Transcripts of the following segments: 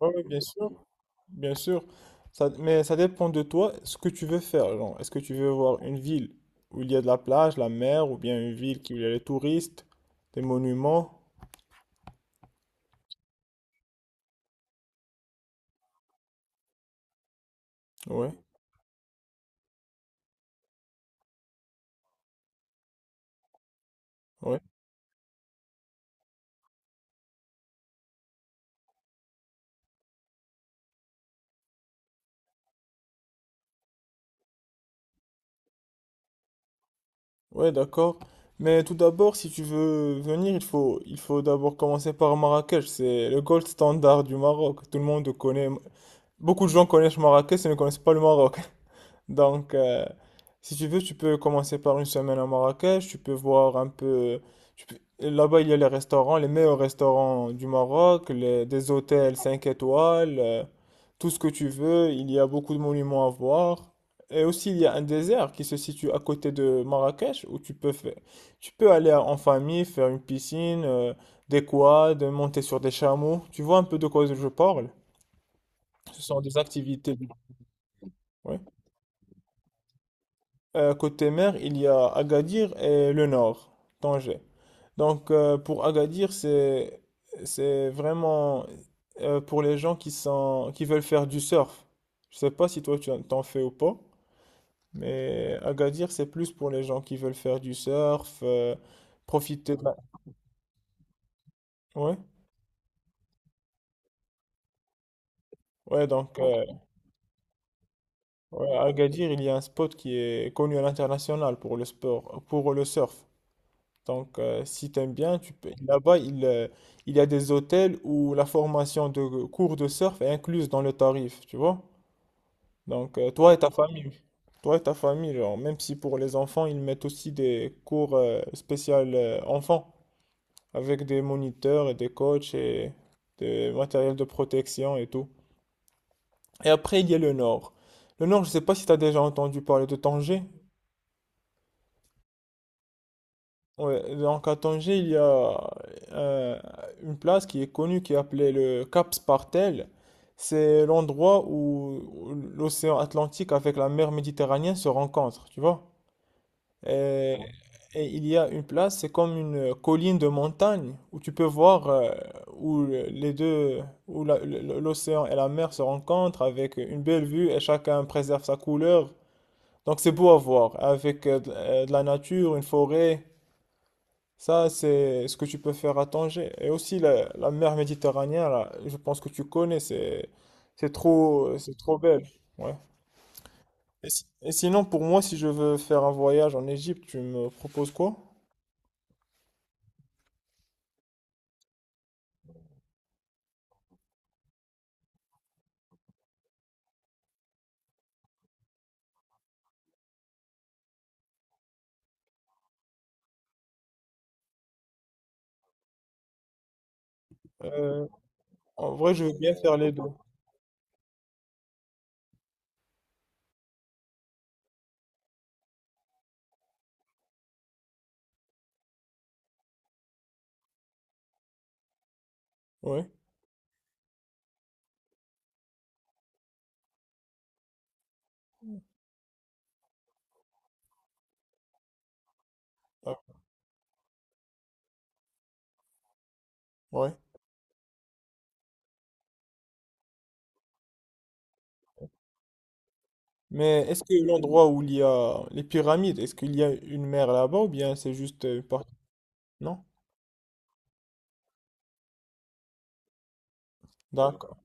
Oui, oui, bien sûr, bien sûr. Mais ça dépend de toi, ce que tu veux faire, genre, est-ce que tu veux voir une ville où il y a de la plage, la mer, ou bien une ville où il y a les touristes, des monuments? Ouais, ouais, ouais, d'accord. Mais tout d'abord, si tu veux venir, il faut d'abord commencer par Marrakech. C'est le gold standard du Maroc. Tout le monde connaît. Beaucoup de gens connaissent Marrakech, mais ne connaissent pas le Maroc. Donc, si tu veux, tu peux commencer par une semaine à Marrakech, tu peux voir un peu. Là-bas, il y a les restaurants, les meilleurs restaurants du Maroc, des hôtels 5 étoiles, tout ce que tu veux, il y a beaucoup de monuments à voir. Et aussi, il y a un désert qui se situe à côté de Marrakech où tu peux faire, tu peux aller en famille, faire une piscine, des quads, monter sur des chameaux. Tu vois un peu de quoi je parle? Ce sont des activités. Oui. Côté mer, il y a Agadir et le nord, Tanger. Donc pour Agadir, c'est vraiment pour les gens qui veulent faire du surf. Je sais pas si toi t'en fais ou pas, mais Agadir, c'est plus pour les gens qui veulent faire du surf, profiter de la. Ouais. Ouais, donc ouais, à Agadir, il y a un spot qui est connu à l'international pour le sport, pour le surf. Donc, si t'aimes bien, tu peux. Là-bas, il y a des hôtels où la formation de cours de surf est incluse dans le tarif, tu vois? Donc, toi et ta famille, genre, même si pour les enfants, ils mettent aussi des cours spéciaux enfants, avec des moniteurs et des coachs et des matériels de protection et tout. Et après, il y a le nord. Le nord, je sais pas si tu as déjà entendu parler de Tanger. Ouais, donc à Tanger, il y a euh, une place qui est connue qui est appelée le Cap Spartel. C'est l'endroit où l'océan Atlantique avec la mer Méditerranée se rencontrent, tu vois. Et, et il y a une place, c'est comme une colline de montagne où tu peux voir où les deux, où l'océan et la mer se rencontrent avec une belle vue et chacun préserve sa couleur. Donc c'est beau à voir, avec de la nature, une forêt. Ça, c'est ce que tu peux faire à Tanger. Et aussi la mer Méditerranée, là, je pense que tu connais, c'est trop belle. Ouais. Et sinon, pour moi, si je veux faire un voyage en Égypte, tu me proposes quoi? Euh, en vrai, je veux bien faire les deux. Ouais. Ah, ouais. Mais est-ce que l'endroit où il y a les pyramides, est-ce qu'il y a une mer là-bas ou bien c'est juste une partie? Non? D'accord.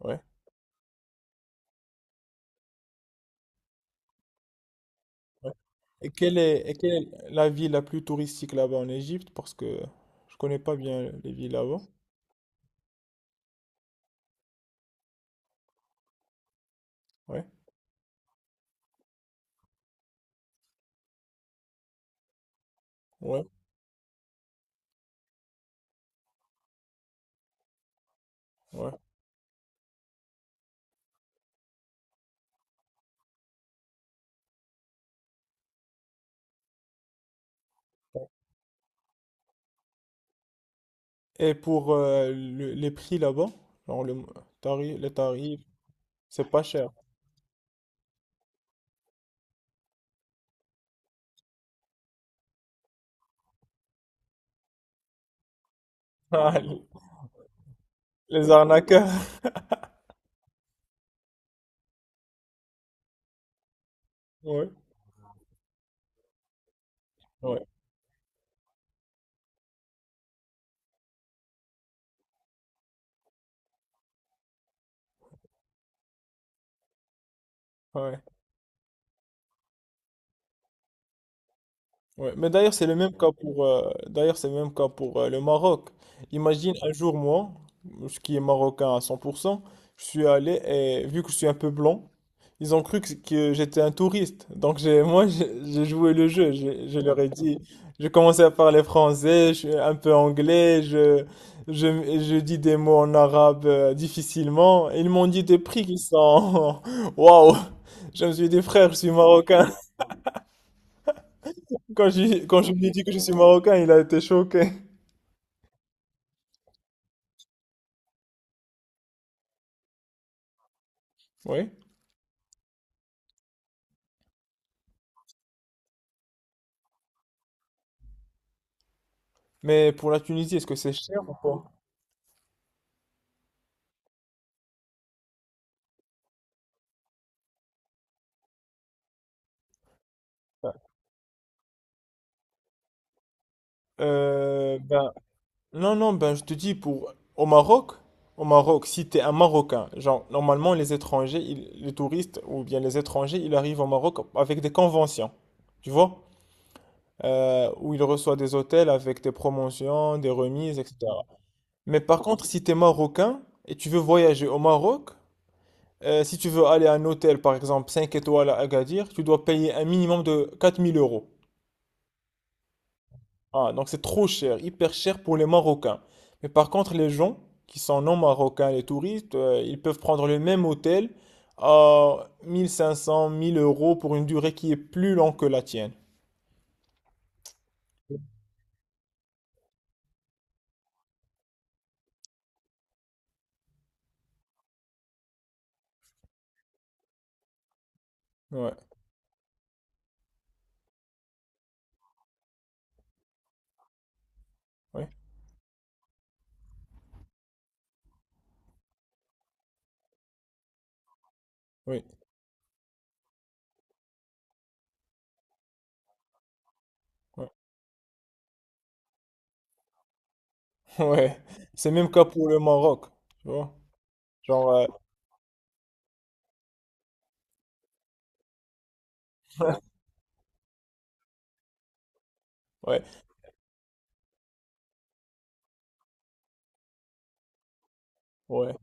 Ouais. Ouais. Et quelle est la ville la plus touristique là-bas en Égypte? Parce que je connais pas bien les villes là-bas. Ouais, ouais, ouais. Et pour les prix là-bas, genre les tarifs, c'est pas cher. Ah, les arnaqueurs. Ouais, ouais, ouais. Ouais, mais d'ailleurs, c'est le même cas pour le Maroc. Imagine un jour, moi, ce qui est marocain à 100%, je suis allé et vu que je suis un peu blanc, ils ont cru que j'étais un touriste. Donc, j'ai, moi, j'ai joué le jeu. J'ai je leur ai dit, je commençais à parler français, je suis un peu anglais, je, dis des mots en arabe difficilement. Et ils m'ont dit des prix qui sont, waouh! Je me suis dit, frère, je suis marocain. Quand je lui ai dit que je suis marocain, il a été choqué. Oui. Mais pour la Tunisie, est-ce que c'est cher ou pas? Ben, non, non, ben, je te dis, au Maroc, si t'es un Marocain, genre, normalement, les étrangers, les touristes ou bien les étrangers, ils arrivent au Maroc avec des conventions, tu vois? Où ils reçoivent des hôtels avec des promotions, des remises, etc. Mais par contre, si t'es Marocain et tu veux voyager au Maroc, si tu veux aller à un hôtel, par exemple, 5 étoiles à Agadir, tu dois payer un minimum de 4000 euros. Ah, donc c'est trop cher, hyper cher pour les Marocains. Mais par contre, les gens qui sont non marocains, les touristes, ils peuvent prendre le même hôtel à 1500 1000 euros pour une durée qui est plus longue que la tienne. Ouais, ouais, oui, ouais. Ouais. C'est même cas pour le Maroc. Tu vois? Genre, ouais, ouais,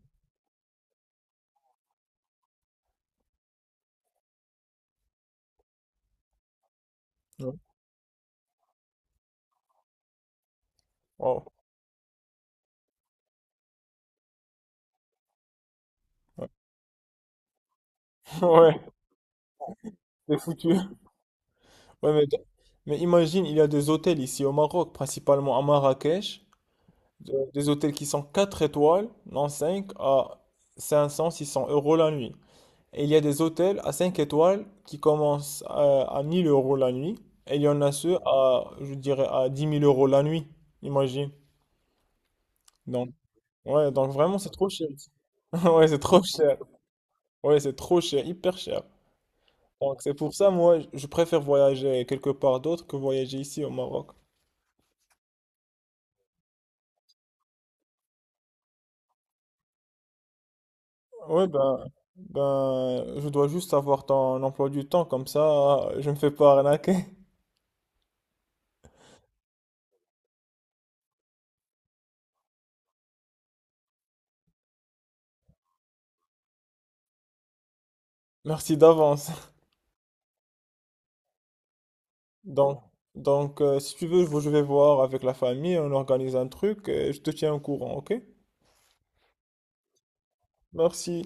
ouais, oh, ouais, ouais, c'est foutu. Ouais, mais imagine, il y a des hôtels ici au Maroc, principalement à Marrakech, des hôtels qui sont 4 étoiles, non 5 à cinq cents six cents euros la nuit. Et il y a des hôtels à 5 étoiles qui commencent à 1 000 € la nuit, et il y en a ceux à, je dirais, à 10 000 € la nuit, imagine. Donc, ouais, donc vraiment, c'est trop cher ici. Ouais, c'est trop cher. Ouais, c'est trop cher, hyper cher. Donc, c'est pour ça, moi, je préfère voyager quelque part d'autre que voyager ici au Maroc. Ouais, ben, je dois juste avoir ton emploi du temps, comme ça, je me fais pas arnaquer. Merci d'avance. Donc, donc, si tu veux, je vais voir avec la famille, on organise un truc et je te tiens au courant, ok? Merci.